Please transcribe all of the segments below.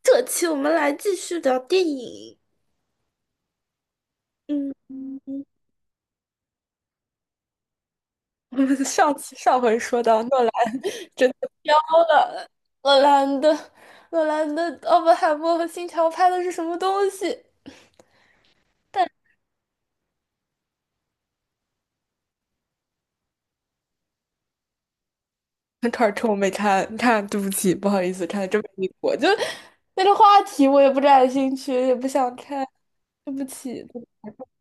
这期我们来继续聊电影。嗯，我们上回说到诺兰真的飘了，诺兰的诺兰的《奥本海默》和《星条》拍的是什么东西？那开儿趁我没看，看，对不起，不好意思，看的这么离谱，就那个话题我也不感兴趣，也不想看，对不起，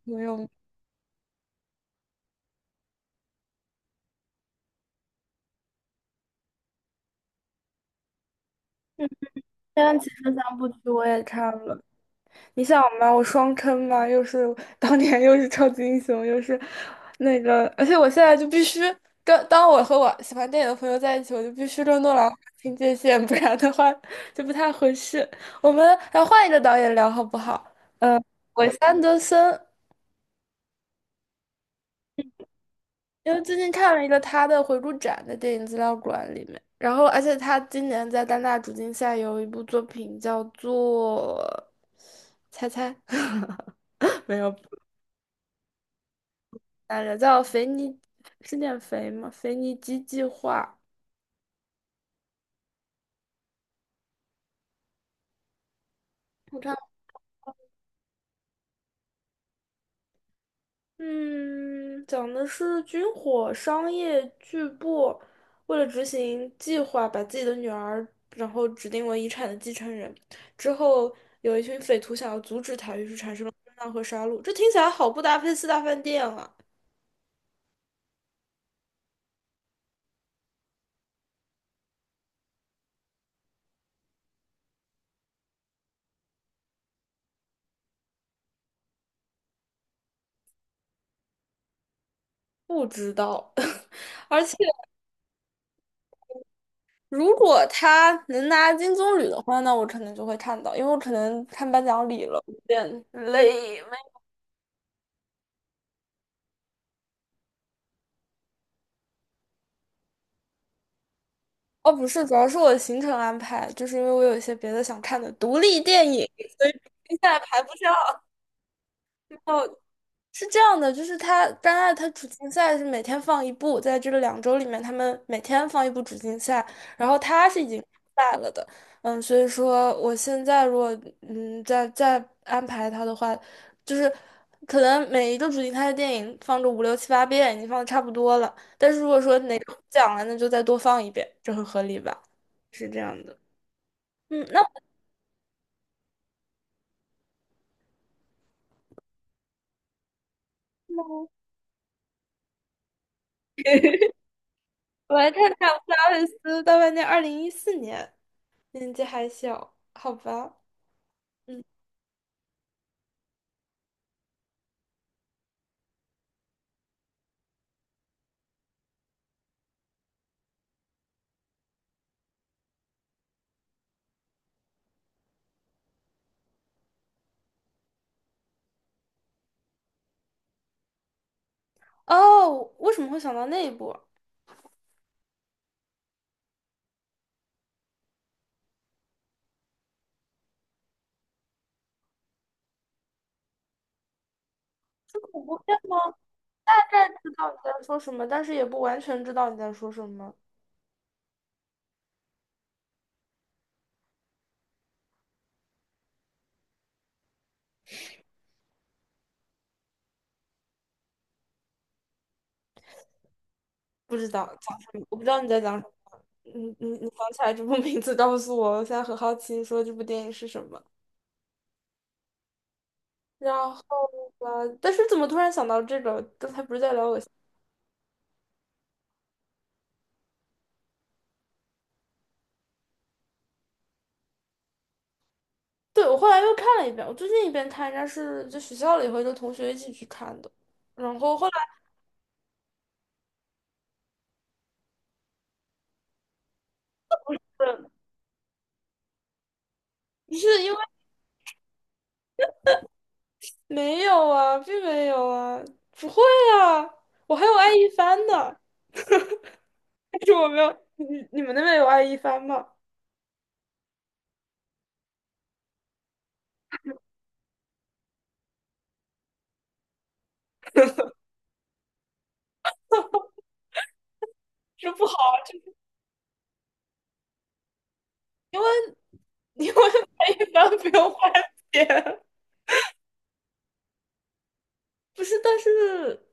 朋友们。前两期分三部曲我也看了，你想嘛，我双坑嘛，又是当年又是超级英雄，又是那个，而且我现在就必须当我和我喜欢电影的朋友在一起，我就必须跟诺兰划清界限，不然的话就不太合适。我们来换一个导演聊好不好？嗯，韦斯安德森，因为最近看了一个他的回顾展在电影资料馆里面，然后而且他今年在戛纳主竞赛有一部作品叫做，猜猜。没有。来着，叫《肥尼是念肥吗？肥尼基计划，我看，嗯，讲的是军火商业巨部为了执行计划，把自己的女儿然后指定为遗产的继承人，之后有一群匪徒想要阻止他，于是产生了混乱和杀戮。这听起来好不搭配四大饭店啊！不知道，而且如果他能拿金棕榈的话，那我可能就会看到，因为我可能看颁奖礼了，有点累。哦，不是，主要是我的行程安排，就是因为我有一些别的想看的独立电影，所以接下来排不上。哦，是这样的，就是它戛纳它主竞赛是每天放一部，在这个两周里面，他们每天放一部主竞赛，然后它是已经赛了的，嗯，所以说我现在如果嗯再再安排它的话，就是可能每一个主竞赛的电影放个五六七八遍，已经放的差不多了，但是如果说哪个不讲了，那就再多放一遍，这很合理吧？是这样的。嗯，那我来看看我的阿尔斯大半年，2014年，年纪还小，好吧？嗯，哦，为什么会想到那一部？恐怖片吗？大概知道你在说什么，但是也不完全知道你在说什么，不知道讲什么，我不知道你在讲什么。你想起来这部名字，告诉我，我现在很好奇，你说这部电影是什么。然后吧，但是怎么突然想到这个？刚才不是在聊对，我后来又看了一遍，我最近一遍看应该是在学校里和一个同学一起去看的，然后后来是不是因为没有啊，并没有啊，不会啊，我还有爱一帆呢，但是我没有，你你们那边有爱一帆吗？这不好啊，这因为因为爱一帆不用花钱。不是，但是，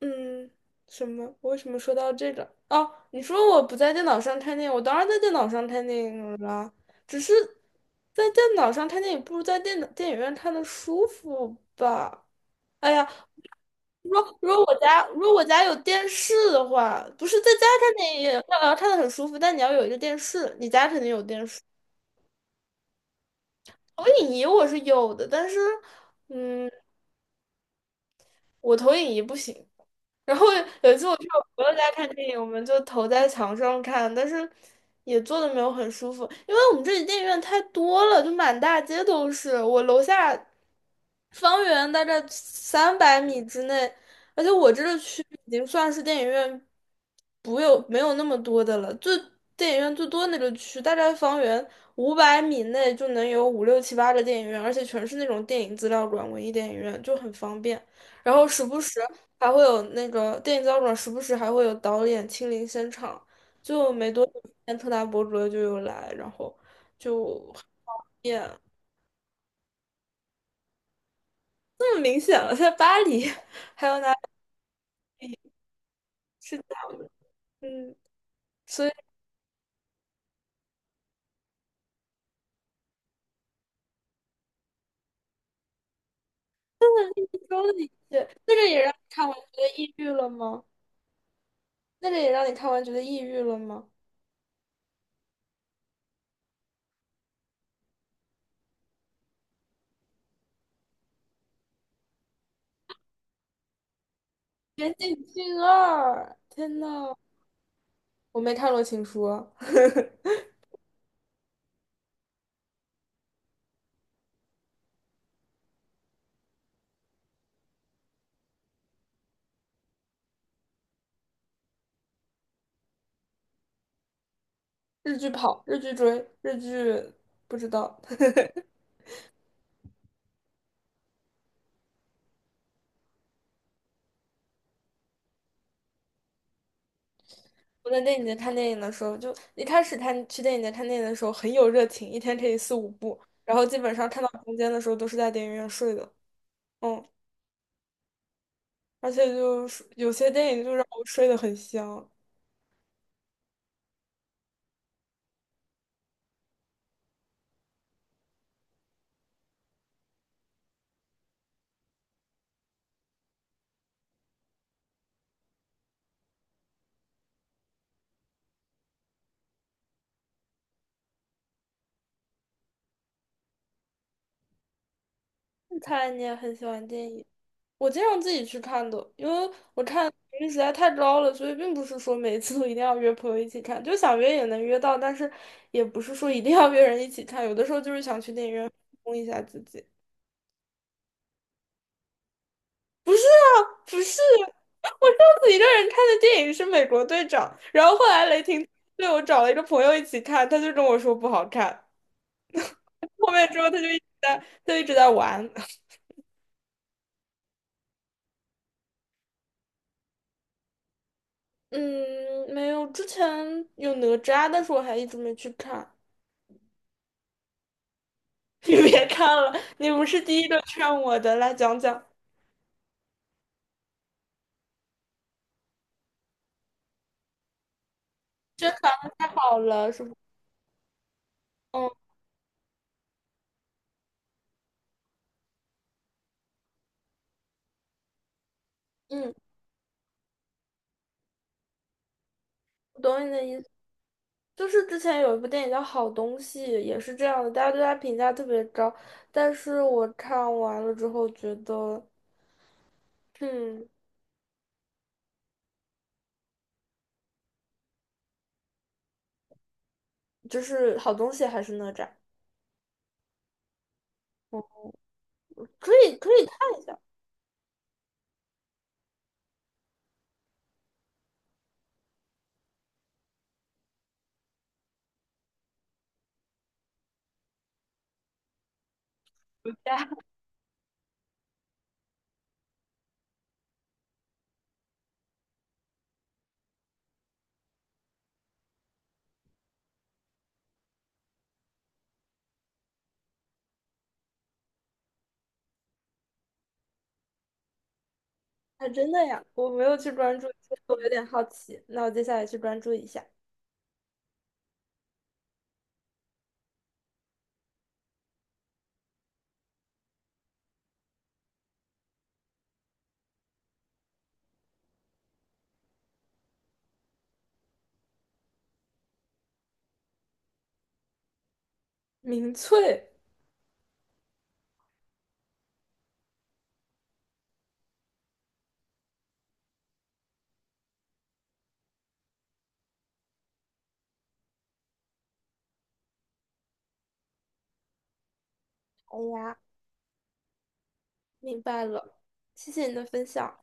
嗯，什么？我为什么说到这个？哦，你说我不在电脑上看电影，我当然在电脑上看电影了，只是在电脑上看电影不如在电脑电影院看的舒服吧？哎呀，如果我家有电视的话，不是在家看电影，那要看的很舒服，但你要有一个电视，你家肯定有电视。投影仪我是有的，但是。嗯。我投影仪不行。然后有一次我去我朋友家看电影，我们就投在墙上看，但是也坐的没有很舒服，因为我们这里电影院太多了，就满大街都是。我楼下方圆大概300米之内，而且我这个区已经算是电影院不有没有那么多的了，最电影院最多那个区大概方圆500米内就能有五六七八个电影院，而且全是那种电影资料馆、文艺电影院，就很方便。然后时不时还会有那个电影胶卷，时不时还会有导演亲临现场。就没多久，特大博主就又来，然后就也这么明显了，在巴黎。 是这样的，嗯，所以说了一些，那个也让你看完觉得抑郁了吗？那个也让你看完觉得抑郁了吗？《岩井俊二》，天呐，我没看过《情书》啊，日剧跑，日剧追，日剧不知道。我在电影节看电影的时候，就一开始看去电影节看电影的时候很有热情，一天可以四五部，然后基本上看到中间的时候都是在电影院睡的，嗯，而且就是有些电影就让我睡得很香。看来你也很喜欢电影，我经常自己去看的，因为我看频率实在太高了，所以并不是说每一次都一定要约朋友一起看，就想约也能约到，但是也不是说一定要约人一起看，有的时候就是想去电影院放松一下自己。不是，我上次一个人看的电影是《美国队长》，然后后来雷霆队我找了一个朋友一起看，他就跟我说不好看。后面之后他就一直在，他就一直在玩。嗯，没有，之前有哪吒，但是我还一直没去看。你别看了，你不是第一个劝我的，来讲讲，真的好了是不？嗯嗯，我懂你的意思。就是之前有一部电影叫《好东西》，也是这样的，大家对他评价特别高，但是我看完了之后觉得。嗯，就是好东西还是哪吒，可以可以看一下。呀，还真的呀，我没有去关注，我有点好奇。那我接下来去关注一下民翠，哎呀，明白了，谢谢你的分享，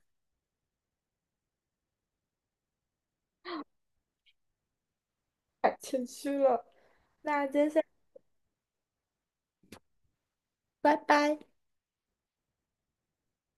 太谦虚了。那接下来，拜拜。